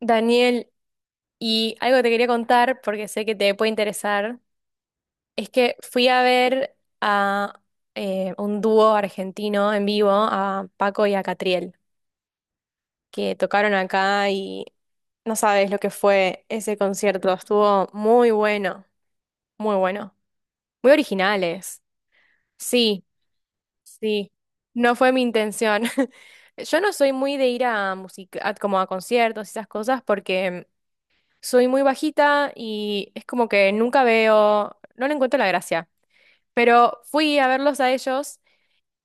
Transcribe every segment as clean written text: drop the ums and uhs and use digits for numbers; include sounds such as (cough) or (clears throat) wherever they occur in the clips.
Daniel, y algo que te quería contar, porque sé que te puede interesar, es que fui a ver a un dúo argentino en vivo, a Paco y a Catriel, que tocaron acá y no sabes lo que fue ese concierto. Estuvo muy bueno, muy bueno, muy originales. Sí, sí, no fue mi intención. (laughs) Yo no soy muy de ir a música, como a conciertos y esas cosas, porque soy muy bajita y es como que nunca veo, no le encuentro la gracia. Pero fui a verlos a ellos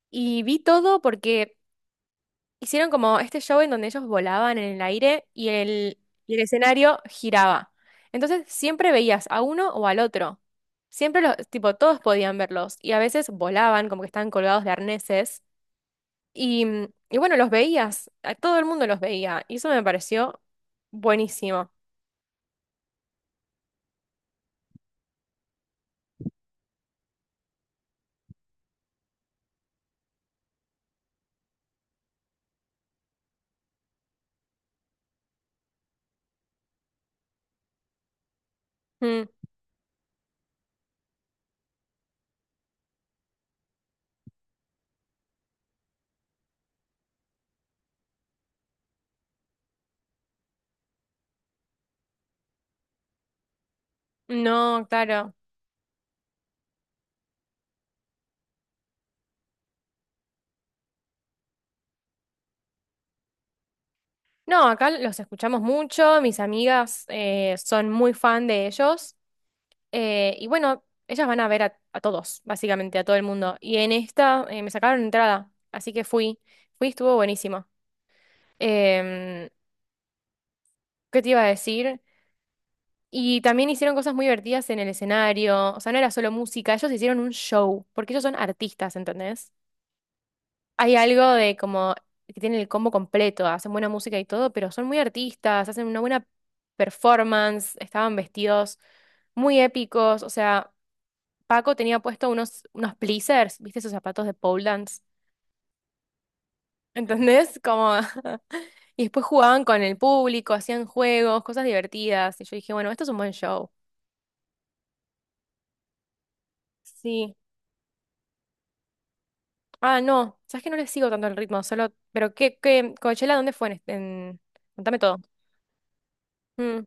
y vi todo porque hicieron como este show en donde ellos volaban en el aire y el escenario giraba. Entonces siempre veías a uno o al otro. Siempre los, tipo, todos podían verlos y a veces volaban como que estaban colgados de arneses. Y, y bueno, los veías, a todo el mundo los veía y eso me pareció buenísimo. Mm, no, claro. No, acá los escuchamos mucho, mis amigas son muy fan de ellos, y bueno, ellas van a ver a todos, básicamente a todo el mundo. Y en esta me sacaron entrada, así que fui, fui, estuvo buenísimo. Em, ¿Qué te iba a decir? Y también hicieron cosas muy divertidas en el escenario, o sea, no era solo música, ellos hicieron un show, porque ellos son artistas, ¿entendés? Hay algo de como que tienen el combo completo, hacen buena música y todo, pero son muy artistas, hacen una buena performance, estaban vestidos muy épicos, o sea, Paco tenía puesto unos, unos pleasers, ¿viste esos zapatos de pole dance? ¿Entendés? Como... (laughs) Y después jugaban con el público, hacían juegos, cosas divertidas, y yo dije, bueno, esto es un buen show. Sí. Ah, no, sabes que no le sigo tanto el ritmo, solo... Pero qué, qué, Coachella, ¿dónde fue? En... este- en- contame todo. Mm,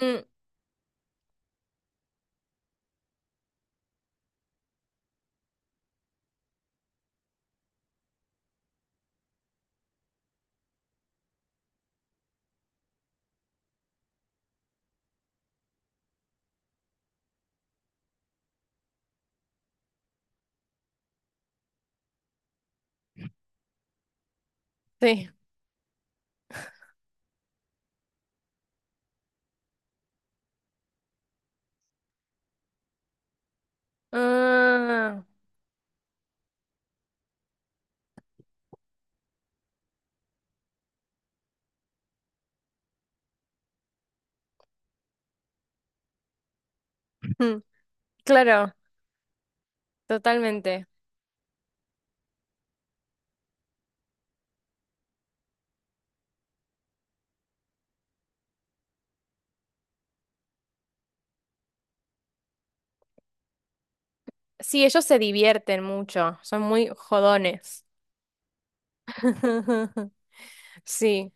mm, sí. Ah, mm, claro, totalmente. Sí, ellos se divierten mucho, son muy jodones. (laughs) Sí.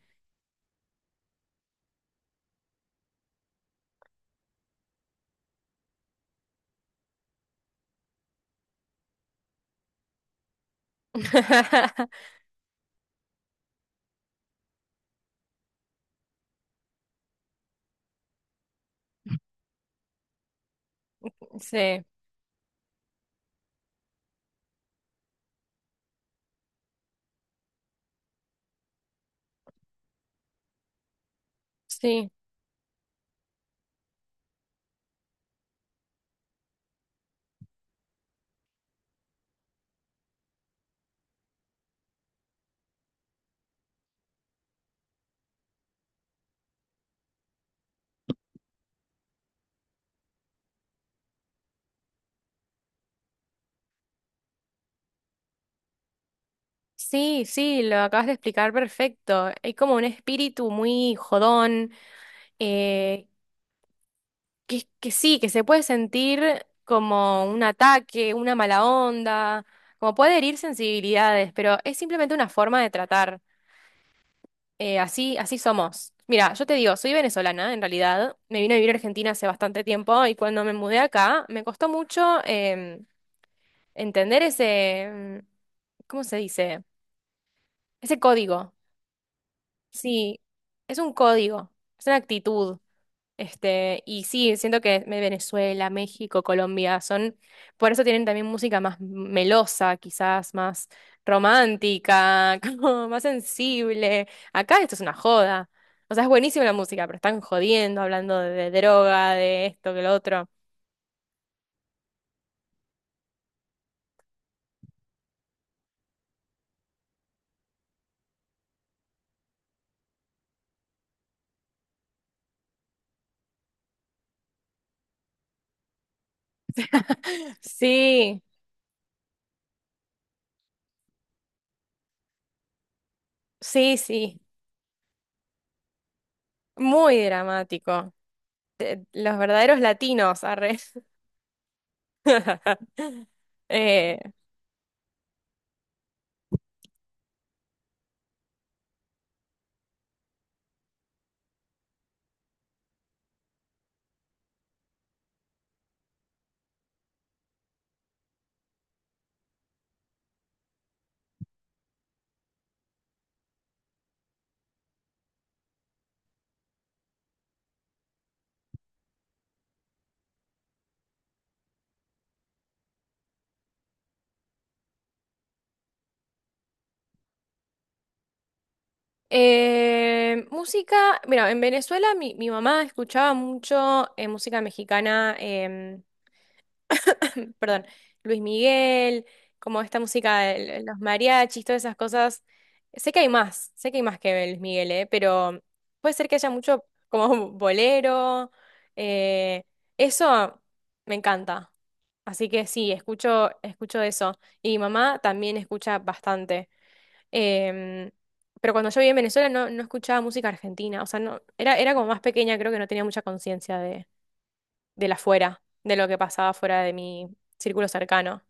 (laughs) Sí, sí, sí, sí, lo acabas de explicar perfecto. Hay como un espíritu muy jodón, eh, que sí, que se puede sentir como un ataque, una mala onda, como puede herir sensibilidades, pero es simplemente una forma de tratar. Así, así somos. Mira, yo te digo, soy venezolana en realidad. Me vine a vivir a Argentina hace bastante tiempo y cuando me mudé acá me costó mucho entender ese, mm, ¿cómo se dice? Ese código. Sí, es un código, es una actitud. Este, y sí, siento que me- Venezuela, México, Colombia son, por eso tienen también música más melosa, quizás más romántica, (laughs) como más sensible. Acá esto es una joda. O sea, es buenísima la música, pero están jodiendo, hablando de droga, de esto, que lo otro. (laughs) Sí, sí, sí. Muy dramático. Te- Los verdaderos latinos, arre. (laughs) Eh, música, mira, en Venezuela mi mamá escuchaba mucho música mexicana, (coughs) (clears throat) perdón, Luis Miguel, como esta música de los mariachis, todas esas cosas. Sé que hay más, sé que hay más que Luis Miguel, pero puede ser que haya mucho como (laughs) bolero. eh, Eso me encanta. Así que sí, escucho, escucho eso. Y mi mamá también escucha bastante. Em, pero cuando yo vivía en Venezuela no, no escuchaba música argentina. O sea, no, era, era como más pequeña, creo que no tenía mucha conciencia de la fuera, de lo que pasaba fuera de mi círculo cercano.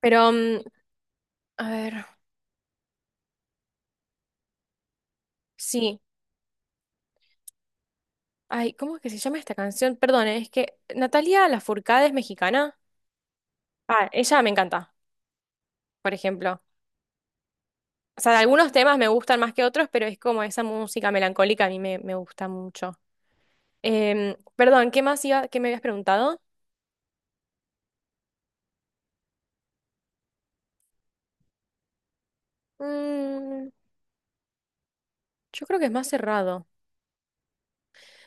Pero, mm, a ver, sí. Ay, ¿cómo es que se llama esta canción? Perdón, ¿eh? Es que Natalia Lafourcade es mexicana. Ah, ella me encanta, por ejemplo. O sea, algunos temas me gustan más que otros, pero es como esa música melancólica a mí me, me gusta mucho. Perdón, ¿qué más iba, qué me habías preguntado? Mm, yo creo que es más cerrado.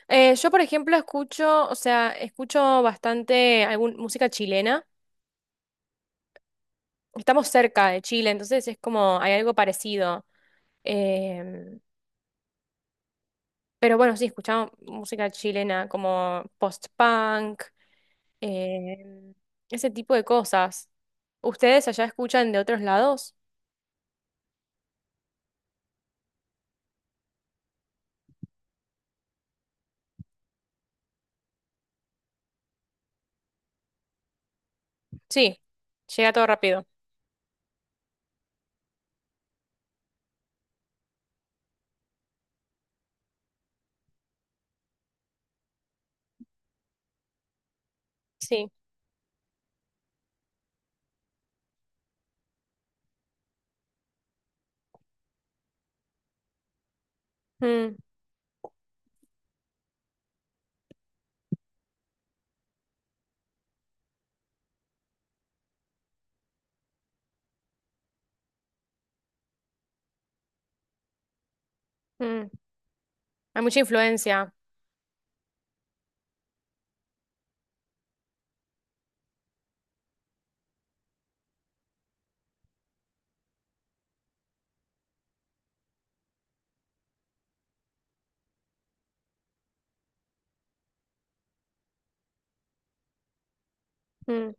Yo, por ejemplo, escucho, o sea, escucho bastante algún, música chilena. Estamos cerca de Chile, entonces es como, hay algo parecido. Em, pero bueno, sí, escuchamos música chilena como post-punk, em, ese tipo de cosas. ¿Ustedes allá escuchan de otros lados? Sí, llega todo rápido. Sí. Mm, mm. Hay mucha influencia. Mm.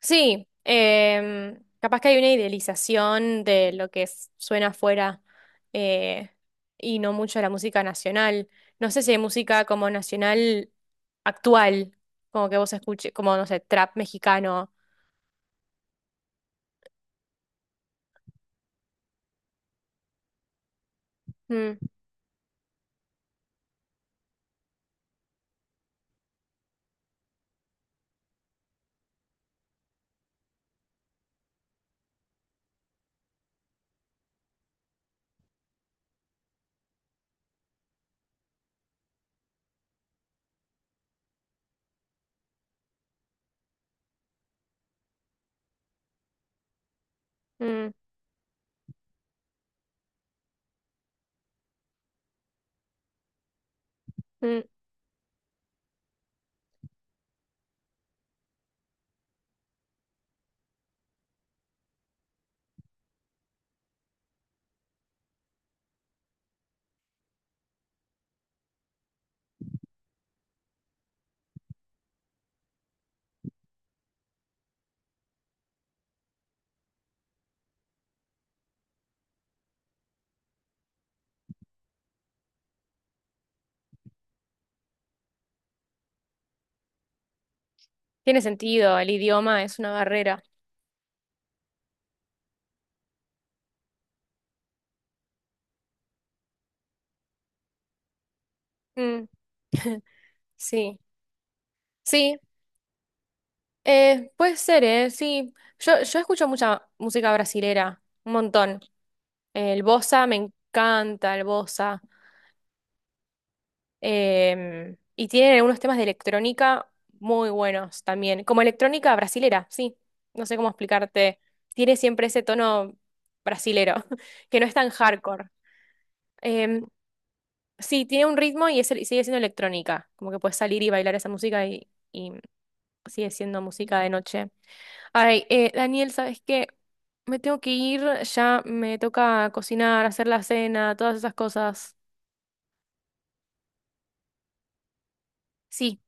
Sí, capaz que hay una idealización de lo que s- suena afuera eh, y no mucho de la música nacional. No sé si hay música como nacional actual, como que vos escuches, como no sé, trap mexicano. Mm, mm, mm. Tiene sentido, el idioma es una barrera. Mm. (laughs) Sí, sí, eh, puede ser, ¿eh? Sí. Yo escucho mucha música brasilera, un montón. El bossa, me encanta el bossa. Y tienen algunos temas de electrónica muy buenos también. Como electrónica brasilera, sí. No sé cómo explicarte. Tiene siempre ese tono brasilero, (laughs) que no es tan hardcore. Em, sí, tiene un ritmo y, es, el- sigue siendo electrónica. Como que puedes salir y bailar esa música y sigue siendo música de noche. Ay, Daniel, ¿sabes qué? Me tengo que ir, ya me toca cocinar, hacer la cena, todas esas cosas. Sí,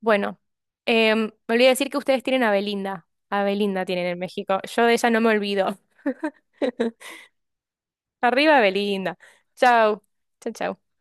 bueno, me olvidé decir que ustedes tienen a Belinda. A Belinda tienen en México. Yo de ella no me olvido. (laughs) Arriba Belinda. Chao, chao, chau.